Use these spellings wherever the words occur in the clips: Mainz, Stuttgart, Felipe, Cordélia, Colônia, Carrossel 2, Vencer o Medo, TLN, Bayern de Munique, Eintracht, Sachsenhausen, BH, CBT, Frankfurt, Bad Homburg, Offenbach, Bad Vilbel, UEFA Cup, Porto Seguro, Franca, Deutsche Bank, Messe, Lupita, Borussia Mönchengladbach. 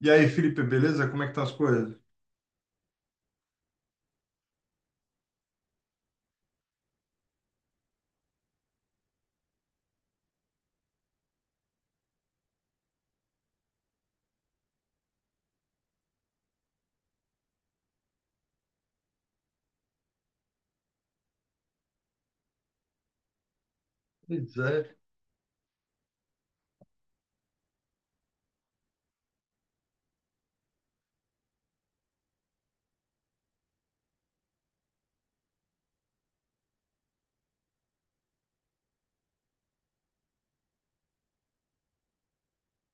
E aí, Felipe, beleza? Como é que estão as coisas? Pois é.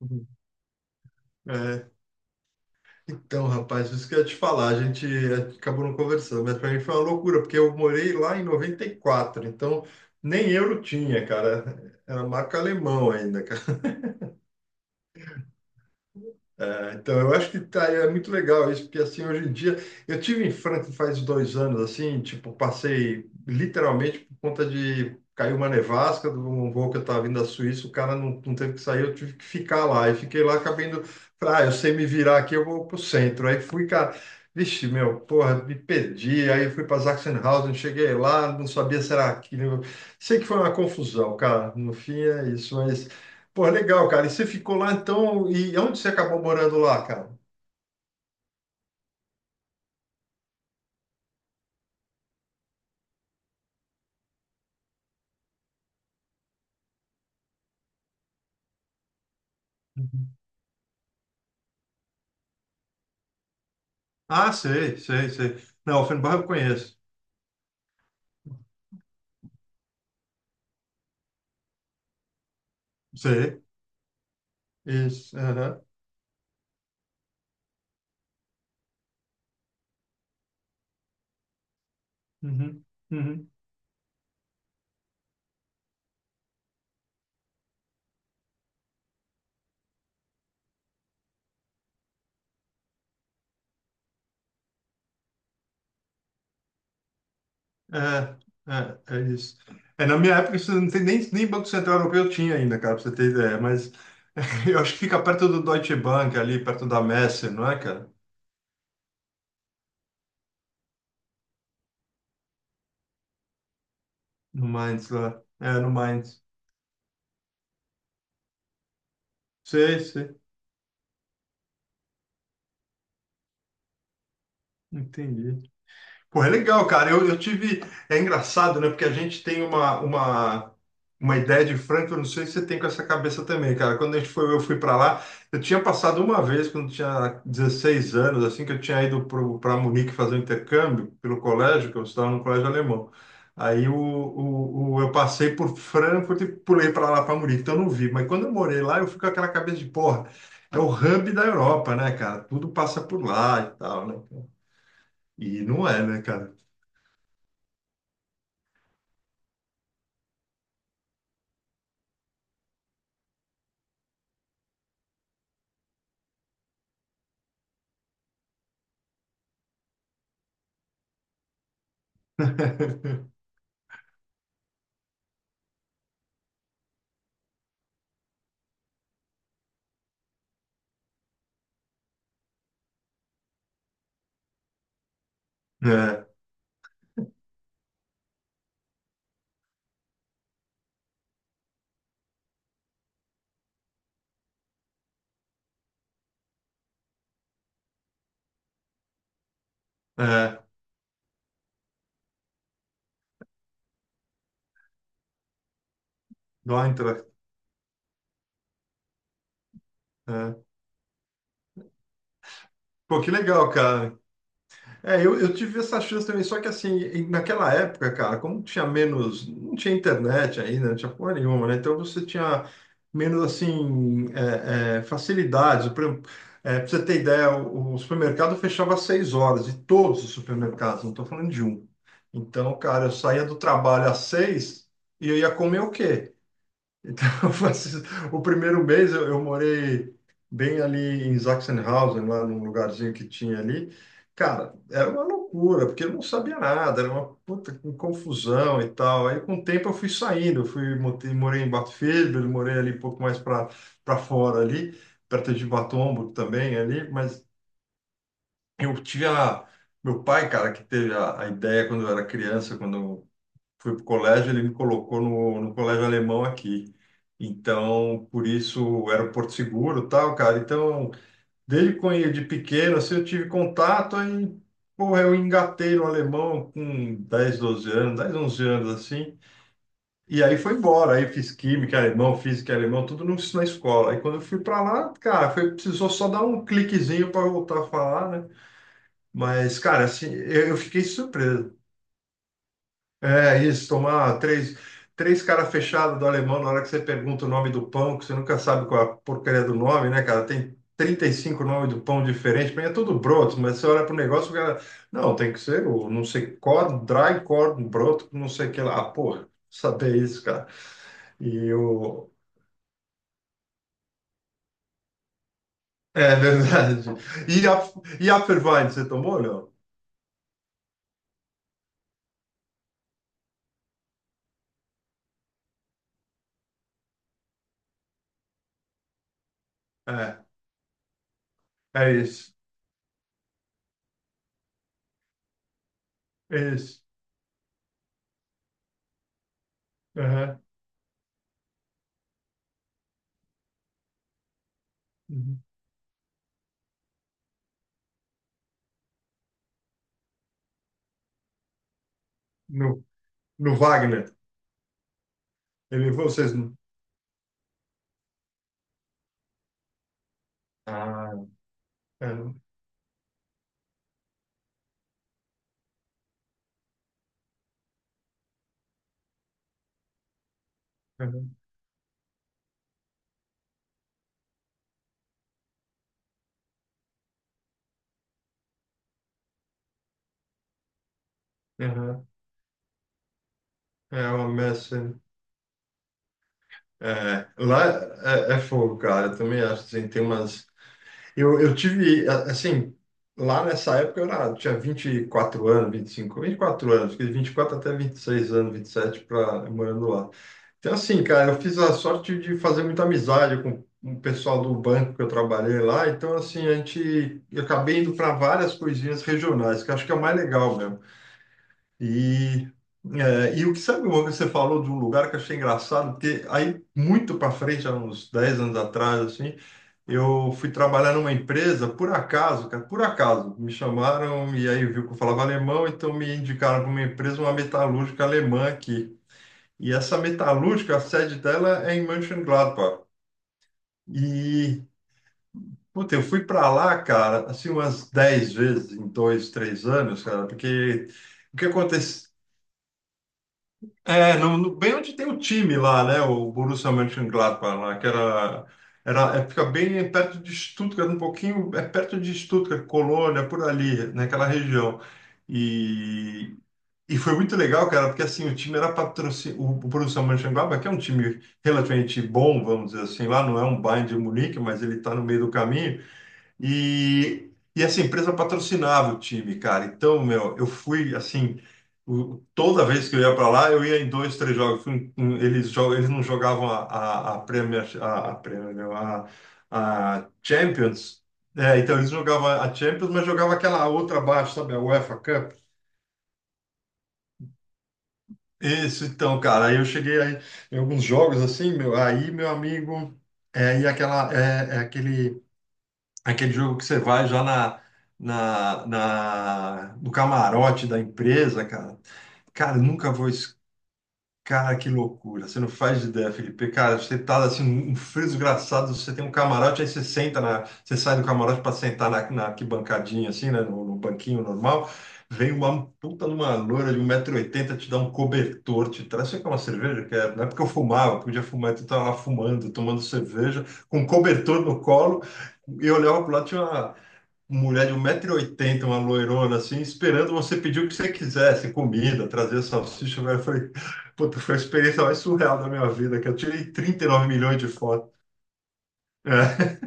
Uhum. É. Então, rapaz, isso que eu ia te falar, a gente acabou não conversando, mas para mim foi uma loucura, porque eu morei lá em 94. Então nem euro tinha, cara. Era marca alemão ainda. É, então, eu acho que tá, é muito legal isso, porque assim, hoje em dia, eu tive em Franca faz 2 anos, assim, tipo, passei literalmente por conta de caiu uma nevasca de um voo que eu estava vindo da Suíça, o cara não, não teve que sair, eu tive que ficar lá, e fiquei lá, acabei indo, falei, ah, eu sei me virar aqui, eu vou pro centro, aí fui, cara, vixe, meu, porra, me perdi, aí fui para Sachsenhausen, cheguei lá, não sabia se era aquilo, sei que foi uma confusão, cara, no fim é isso, mas. Pô, legal, cara. E você ficou lá então, e onde você acabou morando lá, cara? Ah, sei, sei, sei. Não, Offenbach eu conheço. Sei. Isso. Aham. Uhum. Uhum. É, é isso. É, na minha época, isso não tem nem Banco Central Europeu tinha ainda, cara, pra você ter ideia. Mas eu acho que fica perto do Deutsche Bank, ali perto da Messe, não é, cara? No Mainz lá. É, no Mainz. Sei, sei. Entendi. Pô, é legal, cara. Eu tive. É engraçado, né? Porque a gente tem uma ideia de Franca, eu não sei se você tem com essa cabeça também, cara. Quando a gente foi, eu fui para lá, eu tinha passado uma vez, quando eu tinha 16 anos, assim, que eu tinha ido para Munique fazer um intercâmbio pelo colégio, que eu estava no colégio alemão. Aí o- eu passei por Frankfurt e pulei para lá, para Munique, então eu não vi. Mas quando eu morei lá, eu fui com aquela cabeça de porra. É o hub da Europa, né, cara? Tudo passa por lá e tal, né, cara? E não é, né, cara? É, é, do Eintracht. É. Pô, que legal, cara. É, eu tive essa chance também, só que assim, naquela época, cara, como tinha menos, não tinha internet ainda, não tinha porra nenhuma, né? Então você tinha menos, assim, facilidades. Por exemplo, pra você ter ideia, o supermercado fechava às 6 horas, e todos os supermercados, não estou falando de um. Então, cara, eu saía do trabalho às 6 e eu ia comer o quê? Então, o primeiro mês eu morei bem ali em Sachsenhausen, lá num lugarzinho que tinha ali. Cara, era uma loucura, porque eu não sabia nada, era uma puta com confusão e tal. Aí, com o tempo, eu fui saindo, morei em Bad Vilbel, morei ali um pouco mais para fora ali, perto de Bad Homburg também ali, mas eu tive a. Meu pai, cara, que teve a ideia quando eu era criança, quando fui para o colégio, ele me colocou no colégio alemão aqui. Então, por isso era o Porto Seguro, tal, cara. Então, desde quando de pequeno assim, eu tive contato aí, porra, eu engatei no alemão com 10, 12 anos, 10, 11 anos assim. E aí foi embora, aí fiz química alemão, física alemão, tudo no, na escola. Aí quando eu fui para lá, cara, foi, precisou só dar um cliquezinho para voltar a falar, né? Mas, cara, assim, eu fiquei surpreso. É isso, tomar três cara fechada do alemão na hora que você pergunta o nome do pão, que você nunca sabe qual é a porcaria do nome, né, cara? Tem 35 nomes do pão diferente, pra mim é tudo broto, mas você olha pro negócio, o cara, não, tem que ser o não sei, corn, dry corn, broto, não sei o que lá. Ah, porra, saber isso, cara. E o. É verdade. E a, e a Fervine, você tomou, não? É, é isso, é isso. Aham. Uhum. No, no Wagner. Ele, vocês. Ah, é. Aham, aham. É uma messa. É, lá é fogo, cara. Eu também acho assim, tem umas. Eu tive, assim, lá nessa época eu era, tinha 24 anos, vinte e cinco, 24 anos, fiquei de 24 até 26 anos, 27 pra, morando lá. Então, assim, cara, eu fiz a sorte de fazer muita amizade com o pessoal do banco que eu trabalhei lá. Então, assim, a gente, eu acabei indo para várias coisinhas regionais, que eu acho que é o mais legal mesmo. E, e o que sabe, uma coisa que você falou de um lugar que eu achei engraçado, porque aí muito para frente, há uns 10 anos atrás, assim, eu fui trabalhar numa empresa, por acaso, cara, por acaso, me chamaram e aí viu que eu falava alemão, então me indicaram para uma empresa, uma metalúrgica alemã aqui. E essa metalúrgica, a sede dela é em Mönchengladbach. E, puta, eu fui para lá, cara, assim, umas 10 vezes em dois, três anos, cara, porque o que acontece? É, bem onde tem o time lá, né? O Borussia Mönchengladbach lá, que é, fica bem perto de Stuttgart, um pouquinho, é perto de Stuttgart, Colônia, por ali, naquela região. E, e foi muito legal, cara, porque assim, o time era patrocinado, o Borussia Mönchengladbach, que é um time relativamente bom, vamos dizer assim, lá não é um Bayern de Munique, mas ele está no meio do caminho. E essa empresa patrocinava o time, cara. Então, meu, eu fui assim. Toda vez que eu ia para lá, eu ia em dois, três jogos. Eles não jogavam a Premier, a Premier, não, a Champions. É, então eles jogavam a Champions, mas jogavam aquela outra abaixo, sabe? A UEFA Cup. Isso, então, cara, aí eu cheguei aí, em alguns jogos assim, meu, aí meu amigo, é, e aquela, é aquele jogo que você vai já no camarote da empresa, cara. Cara, nunca vou. Cara, que loucura. Você não faz ideia, Felipe. Cara, você tá assim, um frio desgraçado. Você tem um camarote, aí você senta na. Você sai do camarote para sentar na arquibancadinha, assim, né? No banquinho normal. Vem uma puta numa loura de 1,80 m te dá um cobertor, te traz. Você quer uma cerveja? Quero. Na época eu fumava, podia fumar, então tava lá fumando, tomando cerveja, com um cobertor no colo, e eu olhava pro lado, tinha uma, mulher de 1,80 m, uma loirona, assim, esperando você pedir o que você quisesse, comida, trazer salsicha. Eu falei, puta, foi a experiência mais surreal da minha vida, que eu tirei 39 milhões de fotos. É,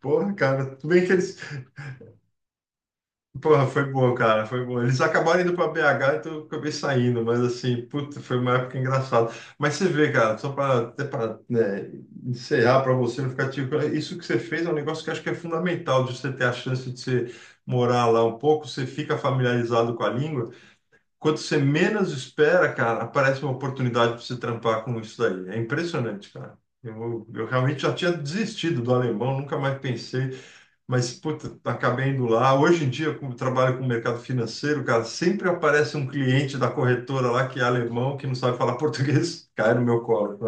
porra, cara, tudo bem que eles. Porra, foi bom, cara, foi bom. Eles acabaram indo para BH, então eu acabei saindo, mas assim, puta, foi uma época engraçada. Mas você vê, cara, só para até para encerrar para você não ficar tipo, isso que você fez é um negócio que eu acho que é fundamental de você ter a chance de você morar lá um pouco, você fica familiarizado com a língua. Quando você menos espera, cara, aparece uma oportunidade para você trampar com isso daí. É impressionante, cara. Eu realmente já tinha desistido do alemão, nunca mais pensei. Mas, puta, acabei indo lá. Hoje em dia, como eu trabalho com o mercado financeiro, cara, sempre aparece um cliente da corretora lá que é alemão, que não sabe falar português, cai no meu colo.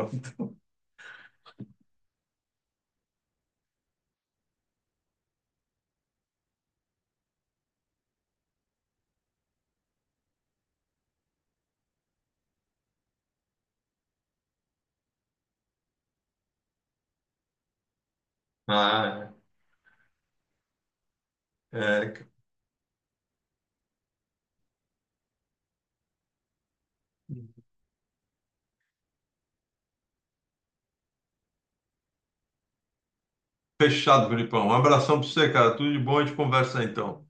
Ah, é, é, fechado, Felipão. Um abração pra você, cara. Tudo de bom, a gente conversa aí, então.